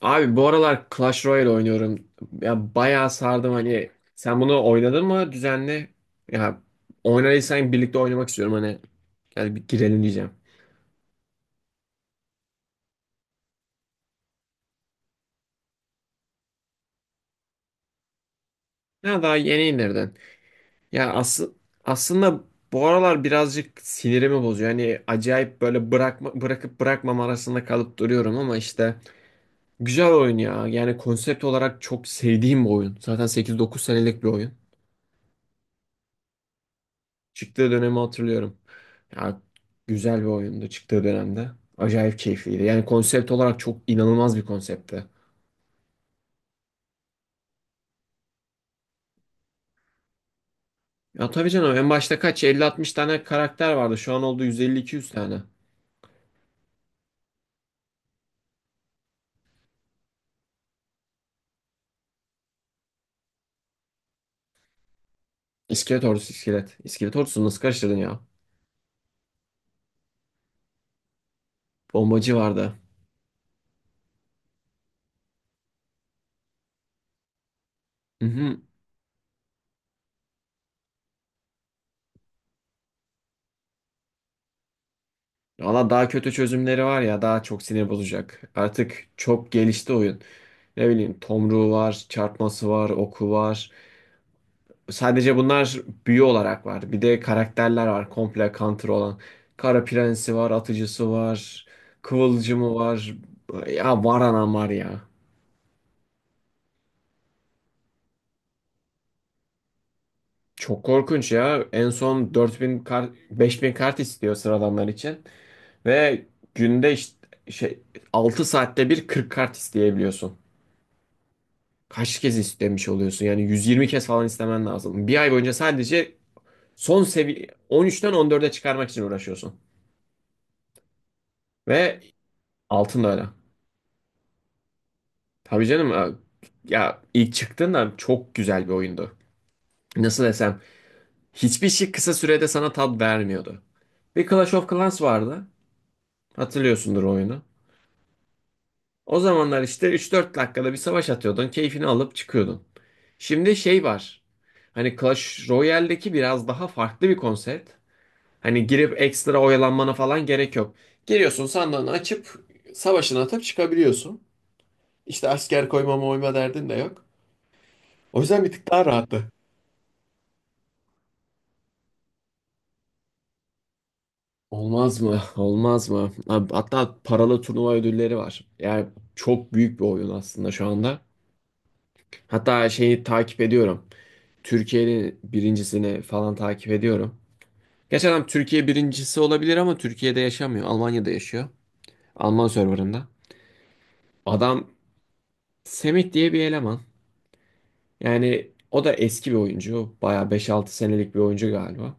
Abi bu aralar Clash Royale oynuyorum. Ya bayağı sardım hani. Sen bunu oynadın mı düzenli? Ya oynadıysan birlikte oynamak istiyorum hani. Gel bir girelim diyeceğim. Ya daha yeni indirden. Ya aslında bu aralar birazcık sinirimi bozuyor. Hani acayip böyle bırakma, bırakıp bırakmam arasında kalıp duruyorum ama işte güzel oyun ya. Yani konsept olarak çok sevdiğim bir oyun. Zaten 8-9 senelik bir oyun. Çıktığı dönemi hatırlıyorum. Ya, güzel bir oyundu çıktığı dönemde. Acayip keyifliydi. Yani konsept olarak çok inanılmaz bir konseptti. Ya tabii canım en başta kaç elli altmış tane karakter vardı. Şu an oldu yüz elli iki yüz tane. İskelet ordusu iskelet. İskelet ordusunu nasıl karıştırdın ya? Bombacı vardı. Hı hı. Valla daha kötü çözümleri var ya daha çok sinir bozacak. Artık çok gelişti oyun. Ne bileyim tomruğu var, çarpması var, oku var. Sadece bunlar büyü olarak var. Bir de karakterler var komple counter olan. Kara Prensi var, Atıcısı var, Kıvılcımı var. Ya var anam var ya. Çok korkunç ya. En son 4.000 kart, 5.000 kart istiyor sıradanlar için. Ve günde işte şey 6 saatte bir 40 kart isteyebiliyorsun. Kaç kez istemiş oluyorsun? Yani 120 kez falan istemen lazım. Bir ay boyunca sadece son seviye 13'ten 14'e çıkarmak için uğraşıyorsun. Ve altın da öyle. Tabii canım ya ilk çıktığında çok güzel bir oyundu. Nasıl desem hiçbir şey kısa sürede sana tat vermiyordu. Bir Clash of Clans vardı. Hatırlıyorsundur o oyunu. O zamanlar işte 3-4 dakikada bir savaş atıyordun. Keyfini alıp çıkıyordun. Şimdi şey var. Hani Clash Royale'deki biraz daha farklı bir konsept. Hani girip ekstra oyalanmana falan gerek yok. Giriyorsun sandığını açıp savaşını atıp çıkabiliyorsun. İşte asker koyma moyma derdin de yok. O yüzden bir tık daha rahattı. Olmaz mı? Olmaz mı? Abi, hatta paralı turnuva ödülleri var. Yani çok büyük bir oyun aslında şu anda. Hatta şeyi takip ediyorum. Türkiye'nin birincisini falan takip ediyorum. Geçen adam Türkiye birincisi olabilir ama Türkiye'de yaşamıyor. Almanya'da yaşıyor. Alman serverında. Adam Semih diye bir eleman. Yani o da eski bir oyuncu. Bayağı 5-6 senelik bir oyuncu galiba.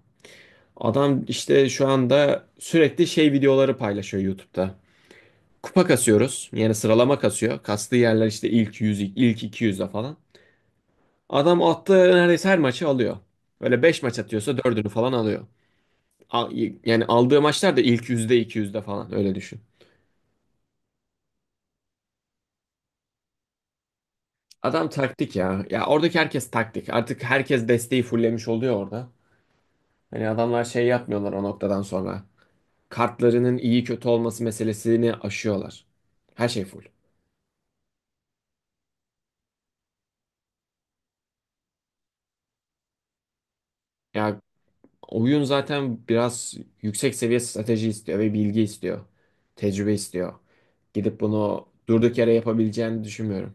Adam işte şu anda sürekli şey videoları paylaşıyor YouTube'da. Kupa kasıyoruz. Yani sıralama kasıyor. Kastığı yerler işte ilk 100 ilk iki yüzde falan. Adam attığı neredeyse her maçı alıyor. Öyle 5 maç atıyorsa dördünü falan alıyor. A- Yani aldığı maçlar da ilk yüzde iki yüzde falan öyle düşün. Adam taktik ya. Ya oradaki herkes taktik. Artık herkes desteği fullemiş oluyor orada. Hani adamlar şey yapmıyorlar o noktadan sonra. Kartlarının iyi kötü olması meselesini aşıyorlar. Her şey full. Ya oyun zaten biraz yüksek seviye strateji istiyor ve bilgi istiyor. Tecrübe istiyor. Gidip bunu durduk yere yapabileceğini düşünmüyorum.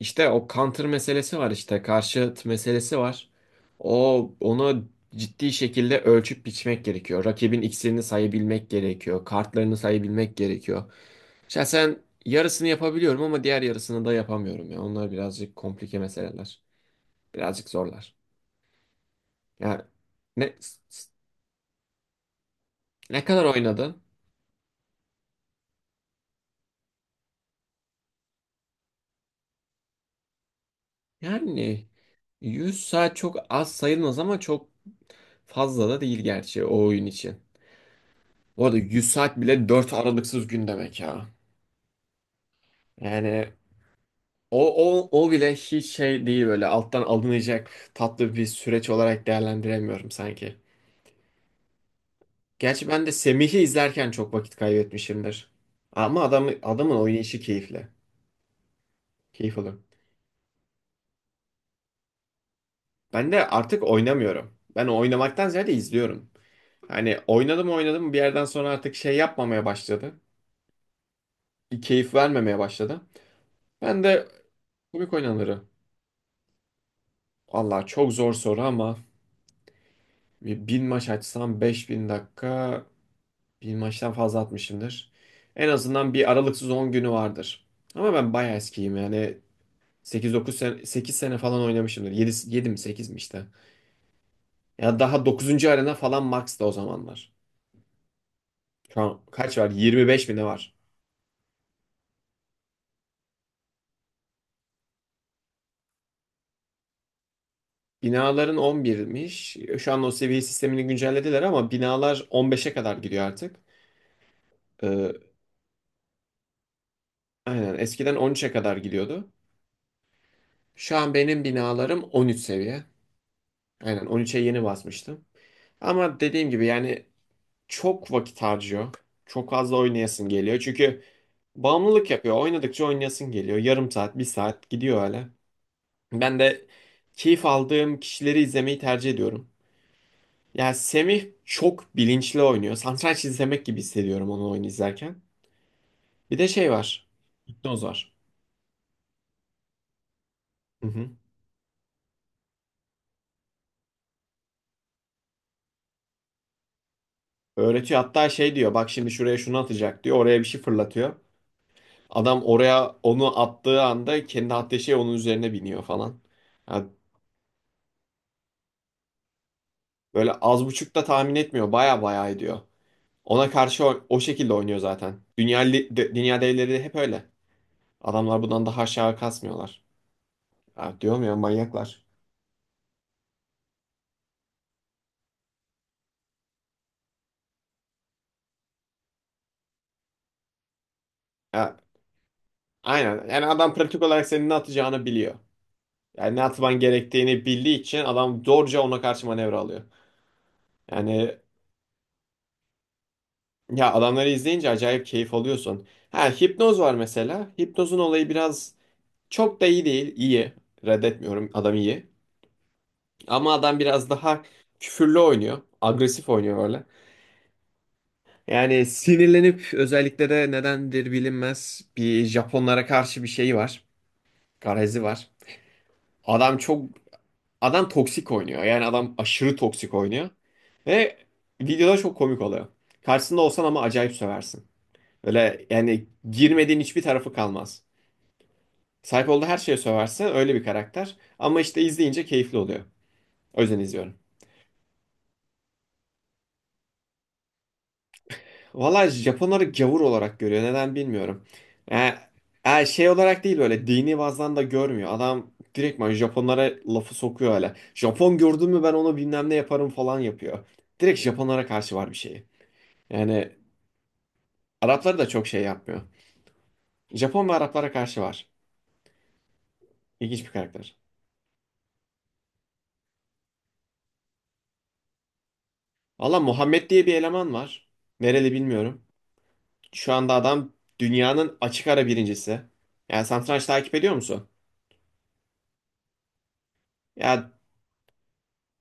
İşte o counter meselesi var işte karşıt meselesi var. Onu ciddi şekilde ölçüp biçmek gerekiyor. Rakibin iksirini sayabilmek gerekiyor. Kartlarını sayabilmek gerekiyor. Şahsen yarısını yapabiliyorum ama diğer yarısını da yapamıyorum ya. Onlar birazcık komplike meseleler. Birazcık zorlar. Yani ne, ne kadar oynadın? Yani 100 saat çok az sayılmaz ama çok fazla da değil gerçi o oyun için. Bu arada 100 saat bile 4 aralıksız gün demek ya. Yani o, o bile hiç şey değil böyle alttan alınacak tatlı bir süreç olarak değerlendiremiyorum sanki. Gerçi ben de Semih'i izlerken çok vakit kaybetmişimdir. Ama adamın oynayışı keyifli. Keyif alırım. Ben de artık oynamıyorum. Ben oynamaktan ziyade izliyorum. Hani oynadım oynadım bir yerden sonra artık şey yapmamaya başladı. Keyif vermemeye başladı. Ben de komik oynanırı. Allah çok zor soru ama bir bin maç açsam 5.000 dakika bin maçtan fazla atmışımdır. En azından bir aralıksız 10 günü vardır. Ama ben bayağı eskiyim yani sekiz dokuz sene, 8 sene falan oynamışımdır. 7 mi 8 mi işte. Ya daha dokuzuncu arena falan max da o zamanlar. Şu an kaç var? 25 mi ne var? Binaların 11'miş. Şu an o seviye sistemini güncellediler ama binalar 15'e kadar gidiyor artık. Ee, Aynen eskiden 13'e kadar gidiyordu. Şu an benim binalarım 13 seviye. Aynen 13'e yeni basmıştım. Ama dediğim gibi yani çok vakit harcıyor. Çok fazla oynayasın geliyor. Çünkü bağımlılık yapıyor. Oynadıkça oynayasın geliyor. Yarım saat, bir saat gidiyor öyle. Ben de keyif aldığım kişileri izlemeyi tercih ediyorum. Yani Semih çok bilinçli oynuyor. Satranç izlemek gibi hissediyorum onu oyun izlerken. Bir de şey var. Hipnoz var. Öğretiyor, hatta şey diyor, bak şimdi şuraya şunu atacak diyor, oraya bir şey fırlatıyor. Adam oraya onu attığı anda kendi attığı şey onun üzerine biniyor falan. Ya böyle az buçuk da tahmin etmiyor, baya baya ediyor. Ona karşı o şekilde oynuyor zaten. Dünya devleri de hep öyle. Adamlar bundan daha aşağı kasmıyorlar. Ya diyorum ya, manyaklar. Ya, aynen yani adam pratik olarak senin ne atacağını biliyor. Yani ne atman gerektiğini bildiği için adam zorca ona karşı manevra alıyor. Yani. Ya adamları izleyince acayip keyif alıyorsun. Ha hipnoz var mesela. Hipnozun olayı biraz çok da iyi değil. İyi. Reddetmiyorum. Adam iyi. Ama adam biraz daha küfürlü oynuyor. Agresif oynuyor böyle. Yani sinirlenip, özellikle de nedendir bilinmez, bir Japonlara karşı bir şey var. Garezi var. Adam çok adam toksik oynuyor. Yani adam aşırı toksik oynuyor. Ve videoda çok komik oluyor. Karşısında olsan ama acayip söversin. Öyle yani girmediğin hiçbir tarafı kalmaz. Sahip olduğu her şeye söverse öyle bir karakter. Ama işte izleyince keyifli oluyor. O yüzden izliyorum. Valla Japonları gavur olarak görüyor. Neden bilmiyorum. Yani, yani şey olarak değil, böyle dini bazdan da görmüyor. Adam direktman Japonlara lafı sokuyor öyle. Japon gördün mü ben onu bilmem ne yaparım falan yapıyor. Direkt Japonlara karşı var bir şeyi. Yani Arapları da çok şey yapmıyor. Japon ve Araplara karşı var. İlginç bir karakter. Valla Muhammed diye bir eleman var. Nereli bilmiyorum. Şu anda adam dünyanın açık ara birincisi. Yani satranç takip ediyor musun? Ya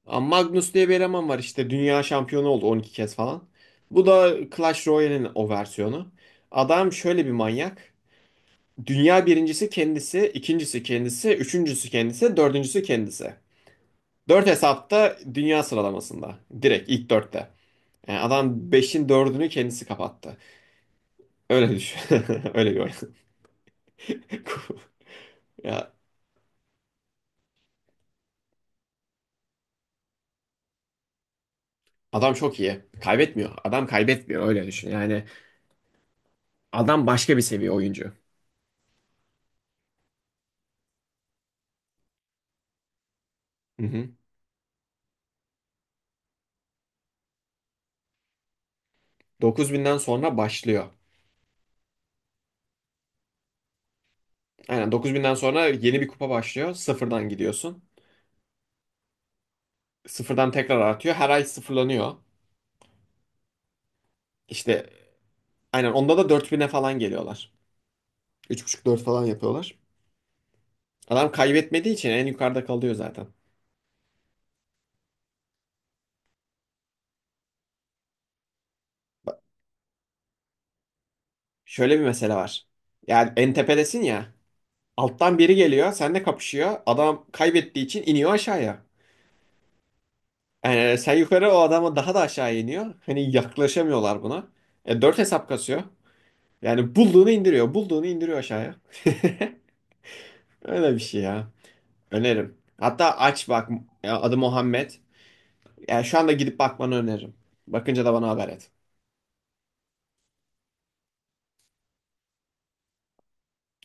Magnus diye bir eleman var işte, dünya şampiyonu oldu 12 kez falan. Bu da Clash Royale'in o versiyonu. Adam şöyle bir manyak. Dünya birincisi kendisi, ikincisi kendisi, üçüncüsü kendisi, dördüncüsü kendisi. Dört hesapta dünya sıralamasında. Direkt ilk dörtte. Yani adam beşin dördünü kendisi kapattı. Öyle düşün. Öyle gör. Ya adam çok iyi. Kaybetmiyor. Adam kaybetmiyor öyle düşün. Yani adam başka bir seviye oyuncu. Hı hı. 9.000'den sonra başlıyor. Aynen 9.000'den sonra yeni bir kupa başlıyor. Sıfırdan gidiyorsun. Sıfırdan tekrar artıyor. Her ay sıfırlanıyor. İşte aynen onda da 4.000'e falan geliyorlar. 3,5-4 falan yapıyorlar. Adam kaybetmediği için en yukarıda kalıyor zaten. Bak, şöyle bir mesele var. Yani en tepedesin ya. Alttan biri geliyor. Seninle kapışıyor. Adam kaybettiği için iniyor aşağıya. Sen yukarı, o adama daha da aşağı iniyor. Hani yaklaşamıyorlar buna. Dört hesap kasıyor. Yani bulduğunu indiriyor. Bulduğunu indiriyor aşağıya. Öyle bir şey ya. Öneririm. Hatta aç bak. Ya, adı Muhammed. Yani şu anda gidip bakmanı öneririm. Bakınca da bana haber et.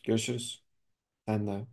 Görüşürüz. Sen de.